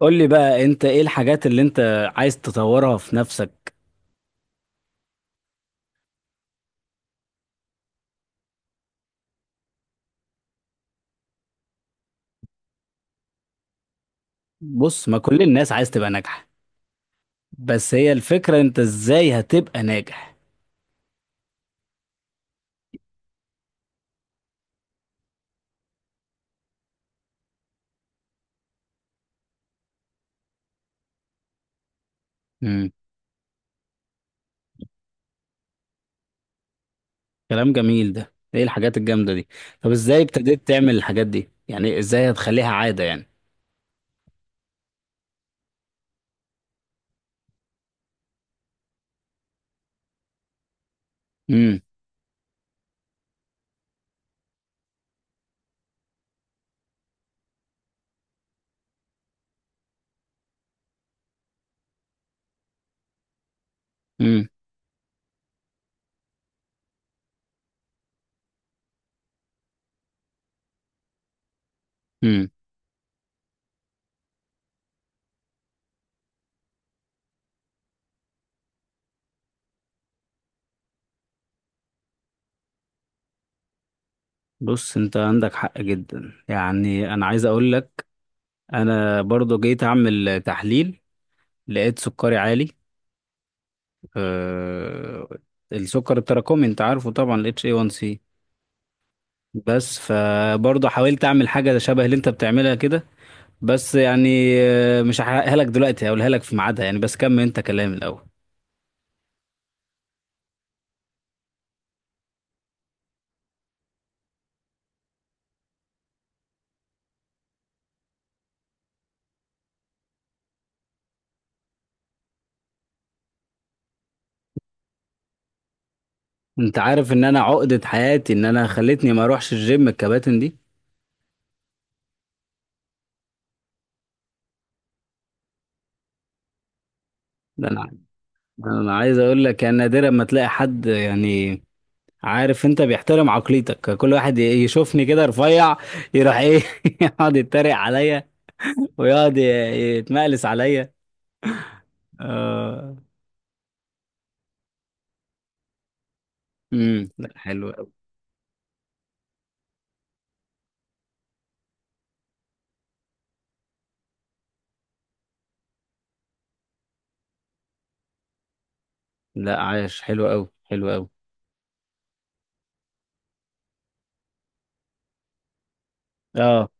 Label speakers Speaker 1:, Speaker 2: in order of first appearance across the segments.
Speaker 1: قول لي بقى انت ايه الحاجات اللي انت عايز تطورها في نفسك؟ بص، ما كل الناس عايز تبقى ناجحة. بس هي الفكرة، انت ازاي هتبقى ناجح؟ امم. كلام جميل. ده ايه الحاجات الجامدة دي؟ طب ازاي ابتديت تعمل الحاجات دي؟ يعني ازاي هتخليها عادة يعني؟ امم. امم. امم. بص، انت عندك حق جدا، يعني انا عايز اقول لك. انا برضو جيت اعمل تحليل، لقيت سكري عالي. أه. السكر التراكمي انت عارفه طبعا، ال HA1C. بس فبرضه حاولت اعمل حاجه شبه اللي انت بتعملها كده، بس يعني مش هحرقها لك دلوقتي، هقولها لك في ميعادها يعني. بس كمل انت كلام الاول. انت عارف ان انا عقده حياتي ان انا خلتني ما اروحش الجيم الكباتن دي. ده انا ده انا عايز اقول لك، يعني نادرا ما تلاقي حد، يعني عارف انت بيحترم عقليتك. كل واحد يشوفني كده رفيع يروح ايه يقعد يتريق عليا، ويقعد يتمقلس عليا. آه. امم، لا، حلو قوي. لا، عايش حلو قوي، حلو قوي. اه.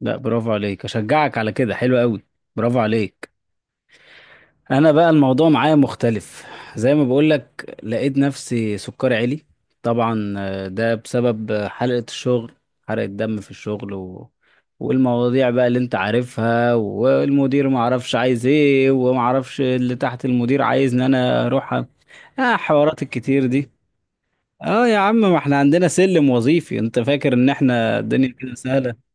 Speaker 1: لا، برافو عليك، اشجعك على كده، حلو قوي. برافو عليك. انا بقى الموضوع معايا مختلف. زي ما بقولك، لقيت نفسي سكري عالي. طبعا ده بسبب حلقة الشغل. حرقة دم في الشغل والمواضيع بقى اللي انت عارفها، والمدير ما عرفش عايز ايه، وما عرفش اللي تحت المدير عايز ان انا اروح اه، حوارات الكتير دي. اه يا عم، ما احنا عندنا سلم وظيفي. انت فاكر ان احنا الدنيا كده سهلة؟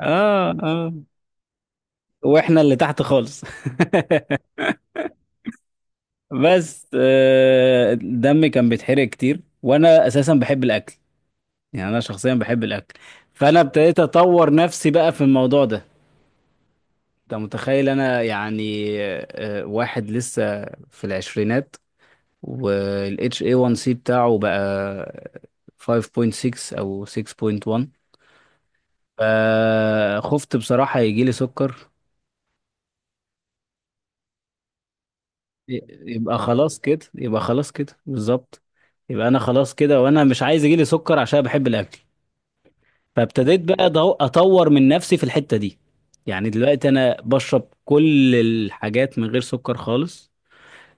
Speaker 1: اه. اه. واحنا اللي تحت خالص. بس دمي كان بيتحرق كتير، وانا اساسا بحب الاكل، يعني انا شخصيا بحب الاكل. فانا ابتديت اطور نفسي بقى في الموضوع ده. انت متخيل انا يعني واحد لسه في العشرينات، والاتش اي 1 سي بتاعه بقى 5.6 او 6.1. فخفت بصراحة يجي لي سكر. يبقى خلاص كده، يبقى خلاص كده بالظبط. يبقى انا خلاص كده، وانا مش عايز يجيلي سكر عشان بحب الاكل. فابتديت بقى اطور من نفسي في الحتة دي. يعني دلوقتي انا بشرب كل الحاجات من غير سكر خالص.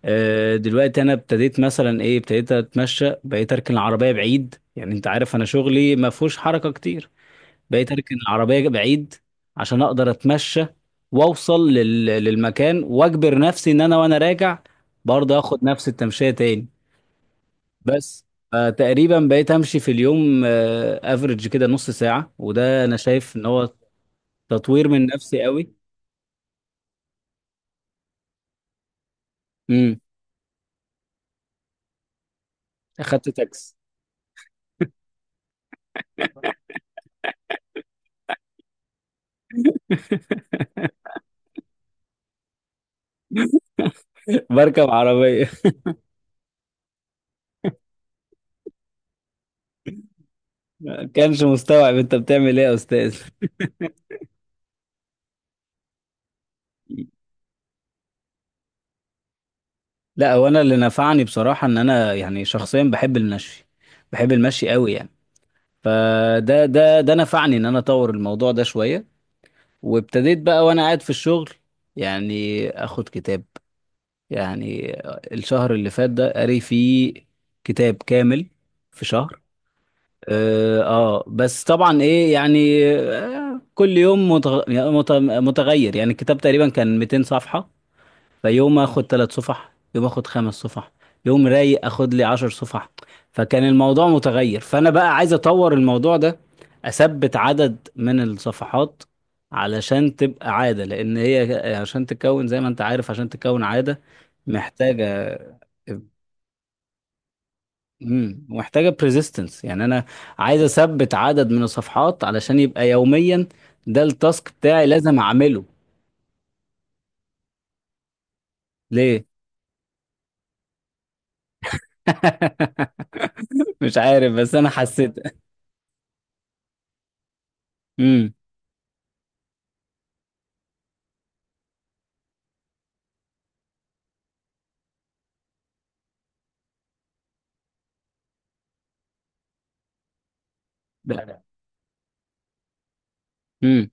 Speaker 1: دلوقتي انا ابتديت، مثلا ايه، ابتديت اتمشى، بقيت اركن العربية بعيد. يعني انت عارف انا شغلي ما فيهوش حركة كتير. بقيت اركن العربيه بعيد عشان اقدر اتمشى واوصل للمكان، واجبر نفسي ان انا وانا راجع برضه اخد نفس التمشيه تاني. بس تقريبا بقيت امشي في اليوم افريج كده نص ساعه، وده انا شايف ان هو تطوير من نفسي قوي. امم. اخدت تاكسي بركب عربيه ما كانش مستوعب انت بتعمل ايه يا استاذ. لا، هو انا اللي نفعني بصراحه ان انا يعني شخصيا بحب المشي، بحب المشي قوي يعني. فده ده ده نفعني ان انا اطور الموضوع ده شويه، وابتديت بقى وانا قاعد في الشغل يعني اخد كتاب. يعني الشهر اللي فات ده قاري فيه كتاب كامل في شهر. اه. بس طبعا ايه يعني كل يوم متغير. يعني الكتاب تقريبا كان 200 صفحه. فيوم اخد 3 صفح، يوم اخد 5 صفح، يوم رايق اخد لي 10 صفح. فكان الموضوع متغير. فانا بقى عايز اطور الموضوع ده، اثبت عدد من الصفحات علشان تبقى عادة. لان هي، عشان تكون زي ما انت عارف، عشان تكون عادة محتاجة. امم، محتاجة بريزيستنس، يعني انا عايز اثبت عدد من الصفحات علشان يبقى يوميا ده التاسك بتاعي لازم اعمله. ليه؟ مش عارف، بس انا حسيت. امم. لا. امم.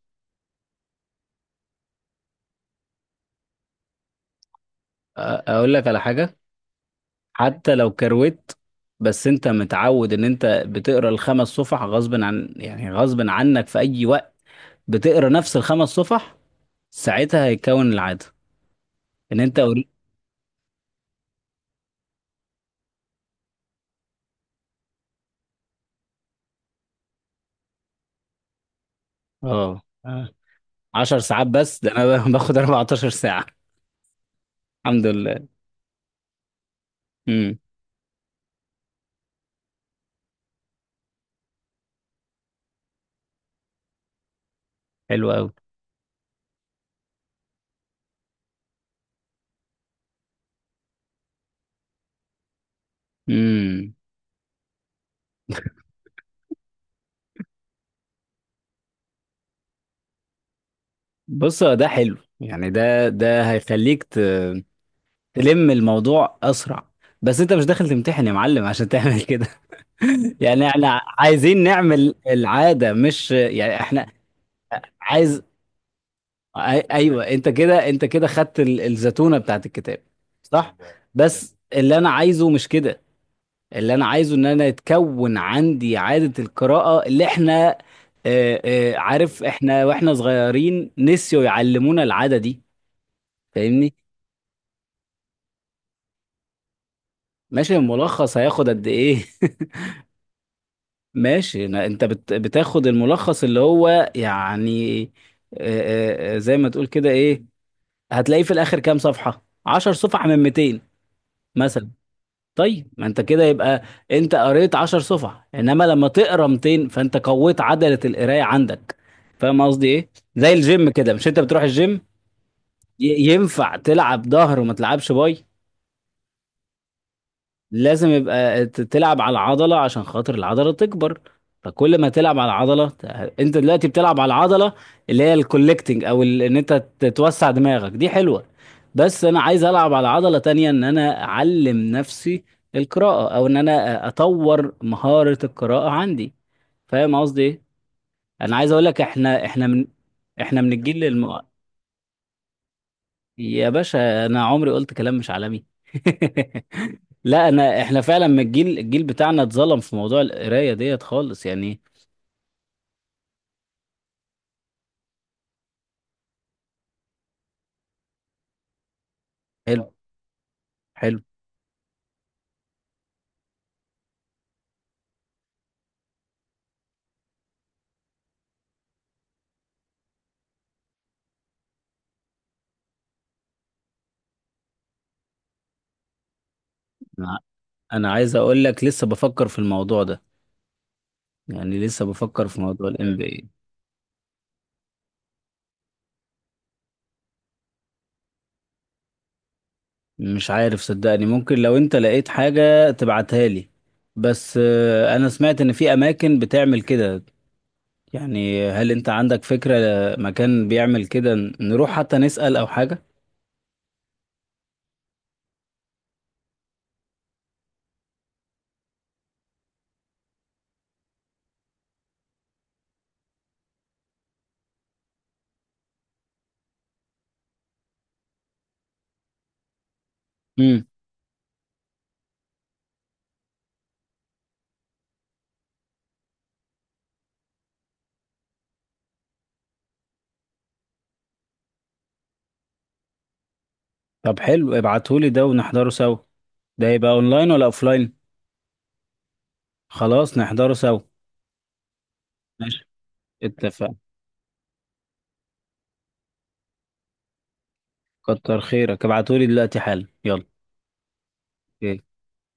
Speaker 1: أ- اقول لك على حاجه. حتى لو كروت، بس انت متعود ان انت بتقرا الخمس صفح غصب عن، يعني غصب عنك في اي وقت بتقرا نفس الخمس صفح. ساعتها هيتكون العاده ان انت اه. آه. 10 ساعات، بس ده انا باخد 14 ساعه. الحمد لله. امم. حلو قوي. امم. بص، هو ده حلو يعني، ده ده هيخليك تلم الموضوع اسرع. بس انت مش داخل تمتحن يا معلم عشان تعمل كده. يعني احنا عايزين نعمل العادة، مش يعني احنا عايز أي- ايوه. انت كده، انت كده خدت الزتونة بتاعت الكتاب. صح. بس اللي انا عايزه مش كده. اللي انا عايزه ان انا يتكون عندي عادة القراءة، اللي احنا عارف احنا واحنا صغيرين نسيوا يعلمونا العادة دي. فاهمني؟ ماشي الملخص هياخد قد ايه؟ ماشي انت بتاخد الملخص اللي هو يعني زي ما تقول كده إيه؟ هتلاقيه في الاخر كام صفحة، 10 صفح من 200 مثلا. طيب ما انت كده يبقى انت قريت 10 صفح، انما لما تقرا 200 فانت قويت عضلة القراية عندك. فاهم قصدي ايه؟ زي الجيم كده. مش انت بتروح الجيم ي- ينفع تلعب ظهر وما تلعبش باي؟ لازم يبقى تلعب على العضلة عشان خاطر العضلة تكبر. فكل ما تلعب على العضلة انت دلوقتي بتلعب على العضلة، اللي هي الكولكتنج، او ان انت توسع دماغك، دي حلوة. بس انا عايز العب على عضلة تانية، ان انا اعلم نفسي القراءة، او ان انا اطور مهارة القراءة عندي. فاهم قصدي ايه؟ انا عايز اقول لك احنا من الجيل يا باشا انا عمري قلت كلام مش عالمي. لا، احنا فعلا من الجيل بتاعنا اتظلم في موضوع القرايه ديت خالص يعني. حلو. حلو. انا عايز اقول لك لسه بفكر في الموضوع ده، يعني لسه بفكر في موضوع الام بي اي. مش عارف صدقني، ممكن لو انت لقيت حاجه تبعتها لي. بس انا سمعت ان في اماكن بتعمل كده. يعني هل انت عندك فكره مكان بيعمل كده نروح حتى نسال او حاجه؟ امم. طب حلو، ابعتهولي ده ونحضره سوا. ده يبقى اونلاين ولا اوفلاين؟ خلاص نحضره سوا. اتفق. كتر خيرك ابعتولي دلوقتي حالا يلا. اوكي.